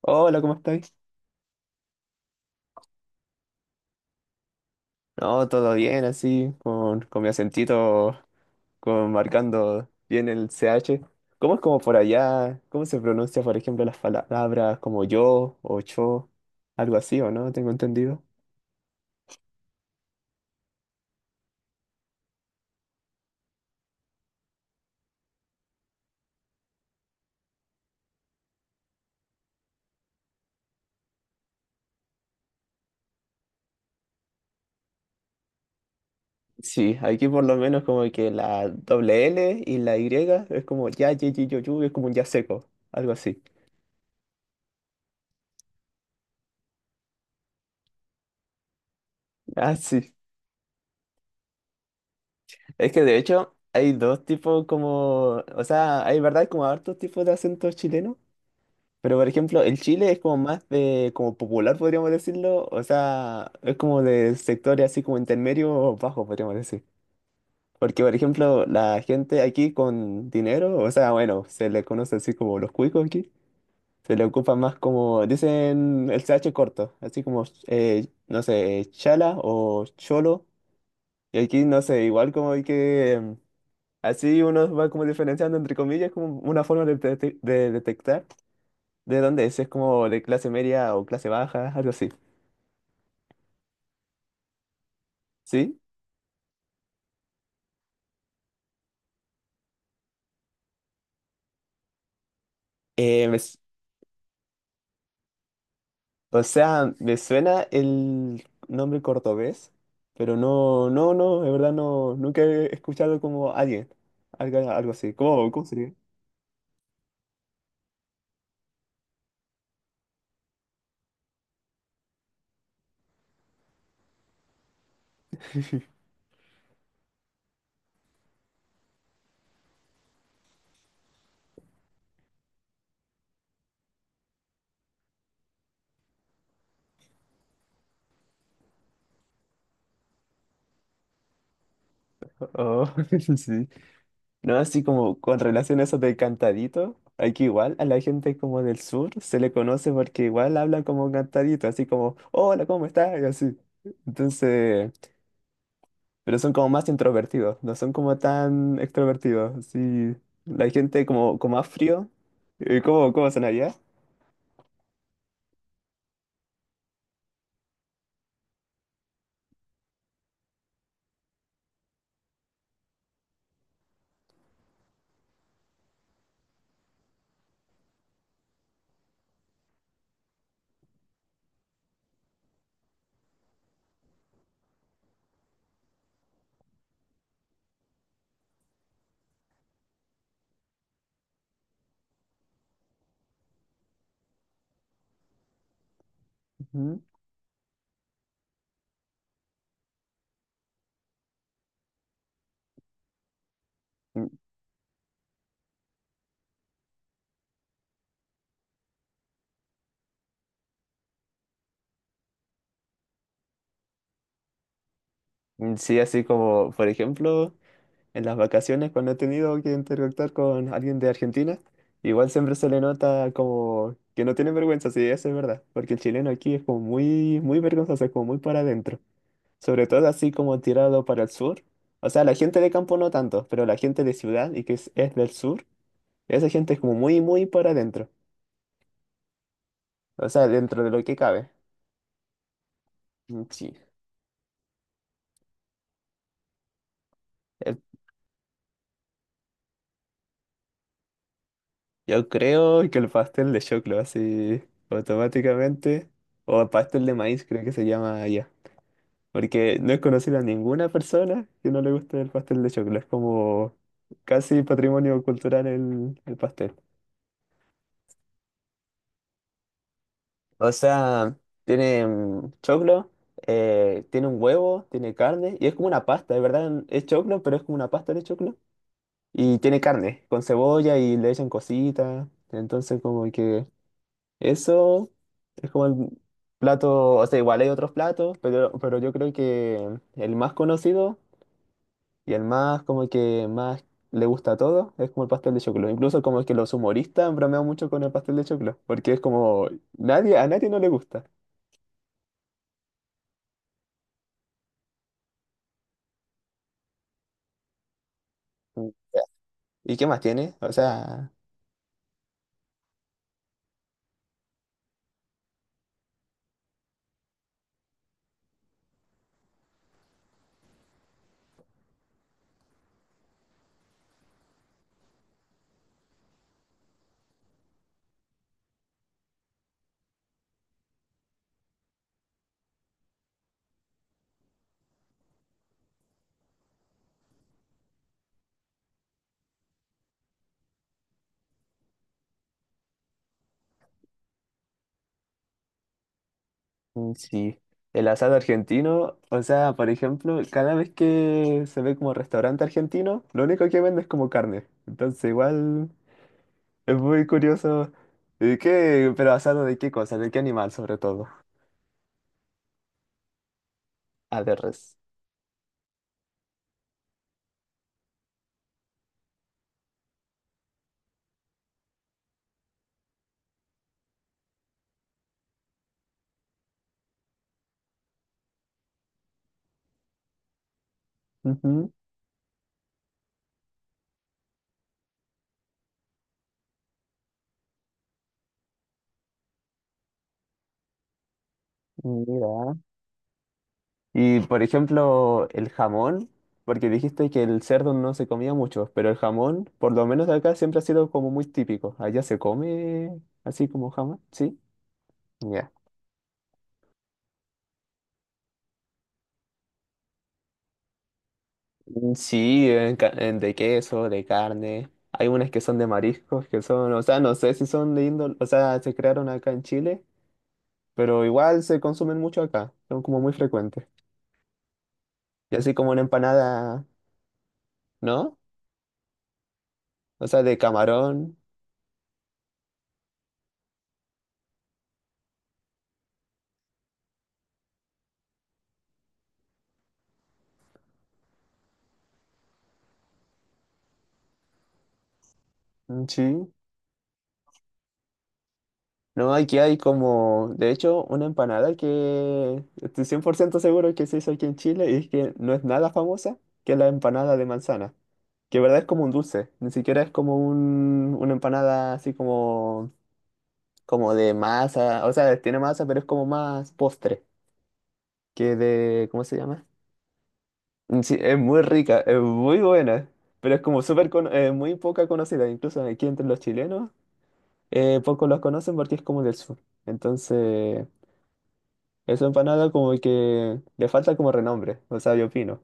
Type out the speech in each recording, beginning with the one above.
Hola, ¿cómo estáis? No, todo bien, así, con mi acentito, con, marcando bien el CH. ¿Cómo es como por allá? ¿Cómo se pronuncia, por ejemplo, las palabras como yo o yo? Algo así, ¿o no? Tengo entendido. Sí, aquí por lo menos como que la doble L y la Y es como ya, ye, ye, yo, es como un ya seco, algo así. Ah, sí. Es que de hecho hay dos tipos como, o sea, hay verdad como hartos tipos de acentos chilenos. Pero por ejemplo, el Chile es como más de, como popular, podríamos decirlo, o sea, es como de sectores así como intermedio o bajo, podríamos decir. Porque por ejemplo, la gente aquí con dinero, o sea, bueno, se le conoce así como los cuicos aquí, se le ocupa más como, dicen el CH corto, así como, no sé, chala o cholo, y aquí no sé, igual como hay que, así uno va como diferenciando entre comillas, como una forma de, de detectar. ¿De dónde es? ¿Es como de clase media o clase baja? Algo así. ¿Sí? Eh, me s- o sea, me suena el nombre cordobés, pero no, de verdad no, nunca he escuchado como alguien, algo así. ¿Cómo, cómo sería? Oh, sí. No, así como con relación a eso de cantadito, aquí igual a la gente como del sur se le conoce porque igual habla como cantadito, así como, hola, ¿cómo estás? Y así. Entonces pero son como más introvertidos, no son como tan extrovertidos. Sí, la gente como, como más frío. ¿Cómo, cómo son allá? Ujú. Mm, Sí, así como, por ejemplo, en las vacaciones cuando he tenido que interactuar con alguien de Argentina, igual siempre se le nota como que no tiene vergüenza, sí, eso es verdad, porque el chileno aquí es como muy, muy vergonzoso, es como muy para adentro, sobre todo así como tirado para el sur. O sea, la gente de campo no tanto, pero la gente de ciudad y que es del sur. Esa gente es como muy, muy para adentro. O sea, dentro de lo que cabe. Sí. Eh, Yo creo que el pastel de choclo, así automáticamente. O pastel de maíz, creo que se llama allá. Porque no he conocido a ninguna persona que no le guste el pastel de choclo. Es como casi patrimonio cultural el pastel. O sea, tiene choclo, tiene un huevo, tiene carne. Y es como una pasta, de verdad es choclo, pero es como una pasta de choclo. Y tiene carne con cebolla y le echan cositas. Entonces, como que eso es como el plato, o sea, igual hay otros platos, pero yo creo que el más conocido y el más como que más le gusta a todos es como el pastel de choclo. Incluso como que los humoristas han bromeado mucho con el pastel de choclo, porque es como nadie, a nadie no le gusta. Mm. ¿Y qué más tiene? O sea sí, el asado argentino, o sea, por ejemplo, cada vez que se ve como restaurante argentino, lo único que venden es como carne. Entonces, igual es muy curioso. ¿Y qué? Pero asado de qué cosa, de qué animal sobre todo. A ver, res. Ujú, mira. Y por ejemplo, el jamón, porque dijiste que el cerdo no se comía mucho, pero el jamón, por lo menos acá, siempre ha sido como muy típico. Allá se come así como jamón, ¿sí? Ya. Sí, en de queso, de carne. Hay unas que son de mariscos, que son, o sea, no sé si son de índole, o sea, se crearon acá en Chile, pero igual se consumen mucho acá, son como muy frecuentes. Y así como una empanada, ¿no? O sea, de camarón, mm, sí. No, aquí hay como, de hecho, una empanada que estoy 100% seguro que se hizo aquí en Chile y es que no es nada famosa, que es la empanada de manzana, que en verdad es como un dulce, ni siquiera es como un, una empanada así como como de masa, o sea, tiene masa, pero es como más postre que de, ¿cómo se llama? Sí, es muy rica, es muy buena, pero es como súper, muy poca conocida, incluso aquí entre los chilenos, pocos los conocen porque es como del sur. Entonces, esa empanada como que le falta como renombre, o sea, yo opino.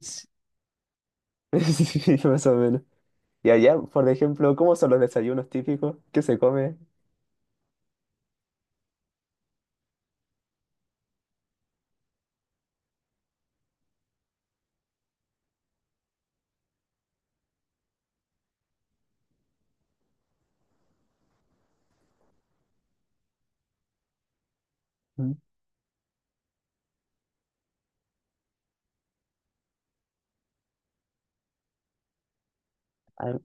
Sí, sí, más o menos. Y allá, por ejemplo, ¿cómo son los desayunos típicos que se come? Mm. Ah,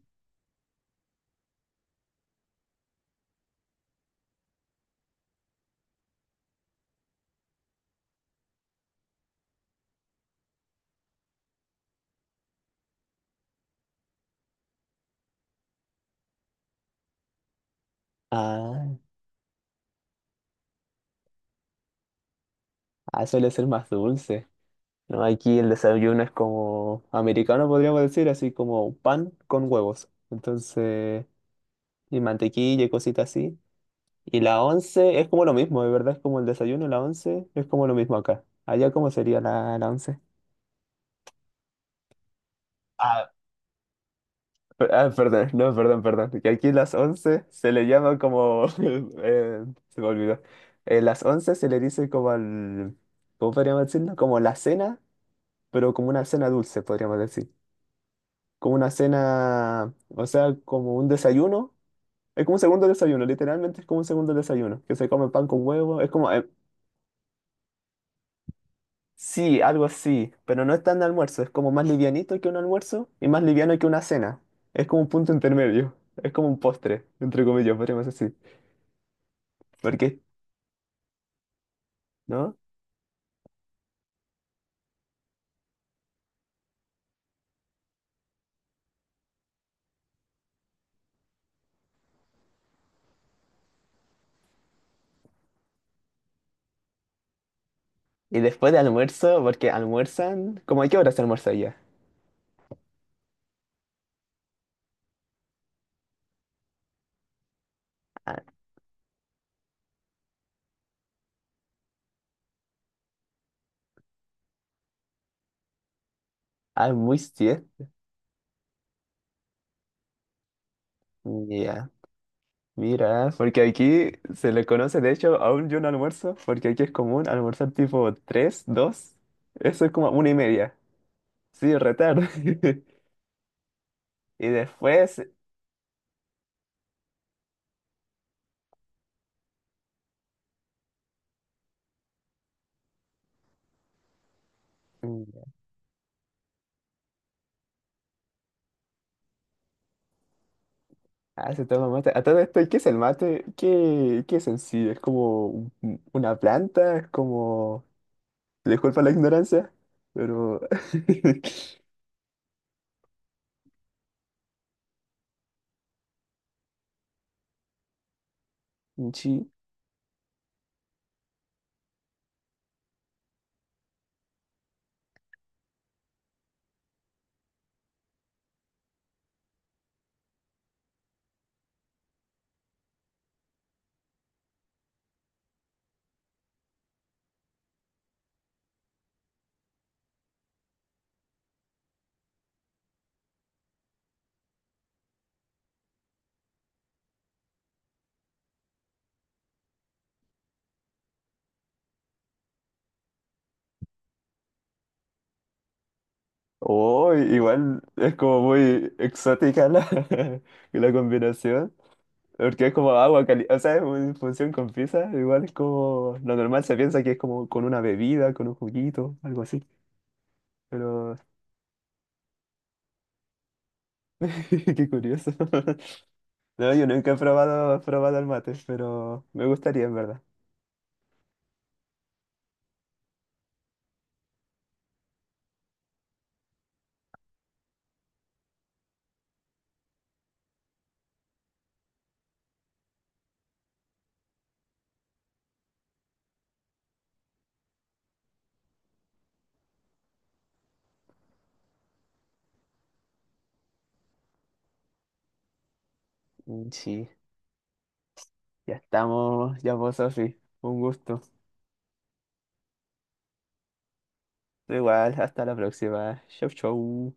ah, suele ser más dulce. No, aquí el desayuno es como americano, podríamos decir, así como pan con huevos. Entonces, y mantequilla y cositas así. Y la once es como lo mismo, de verdad es como el desayuno, la once es como lo mismo acá. Allá, ¿cómo sería la, la once? Ah, ah, no, perdón. Que aquí las once se le llama como se me olvidó. Las once se le dice como al ¿Cómo podríamos decirlo? Como la cena, pero como una cena dulce, podríamos decir. Como una cena, o sea, como un desayuno. Es como un segundo desayuno, literalmente es como un segundo desayuno, que se come pan con huevo. Es como, sí, algo así, pero no es tan de almuerzo, es como más livianito que un almuerzo y más liviano que una cena. Es como un punto intermedio, es como un postre, entre comillas, podríamos decir. Porque, ¿no? Y después de almuerzo, porque almuerzan, ¿cómo a qué hora se almuerza ya? Ah, ah, muy siesta. Ya. Mira, porque aquí se le conoce, de hecho, aún yo no almuerzo, porque aquí es común almorzar tipo 3 2, eso es como una y media, sí, retardo. Y después, mm, ah, se toma mate. A todo esto, ¿qué es el mate? ¿Qué, qué es en sí? ¿Es como un- una planta? ¿Es como Disculpa la ignorancia, pero Sí. Oh, igual es como muy exótica la, la combinación. Porque es como agua caliente, o sea, es una infusión con pizza, igual es como, lo normal se piensa que es como con una bebida, con un juguito, algo así, pero qué curioso. No, yo nunca he probado el mate, pero me gustaría en verdad. Sí, ya estamos, ya vos, Sofi, un gusto. Igual, hasta la próxima, chau chau.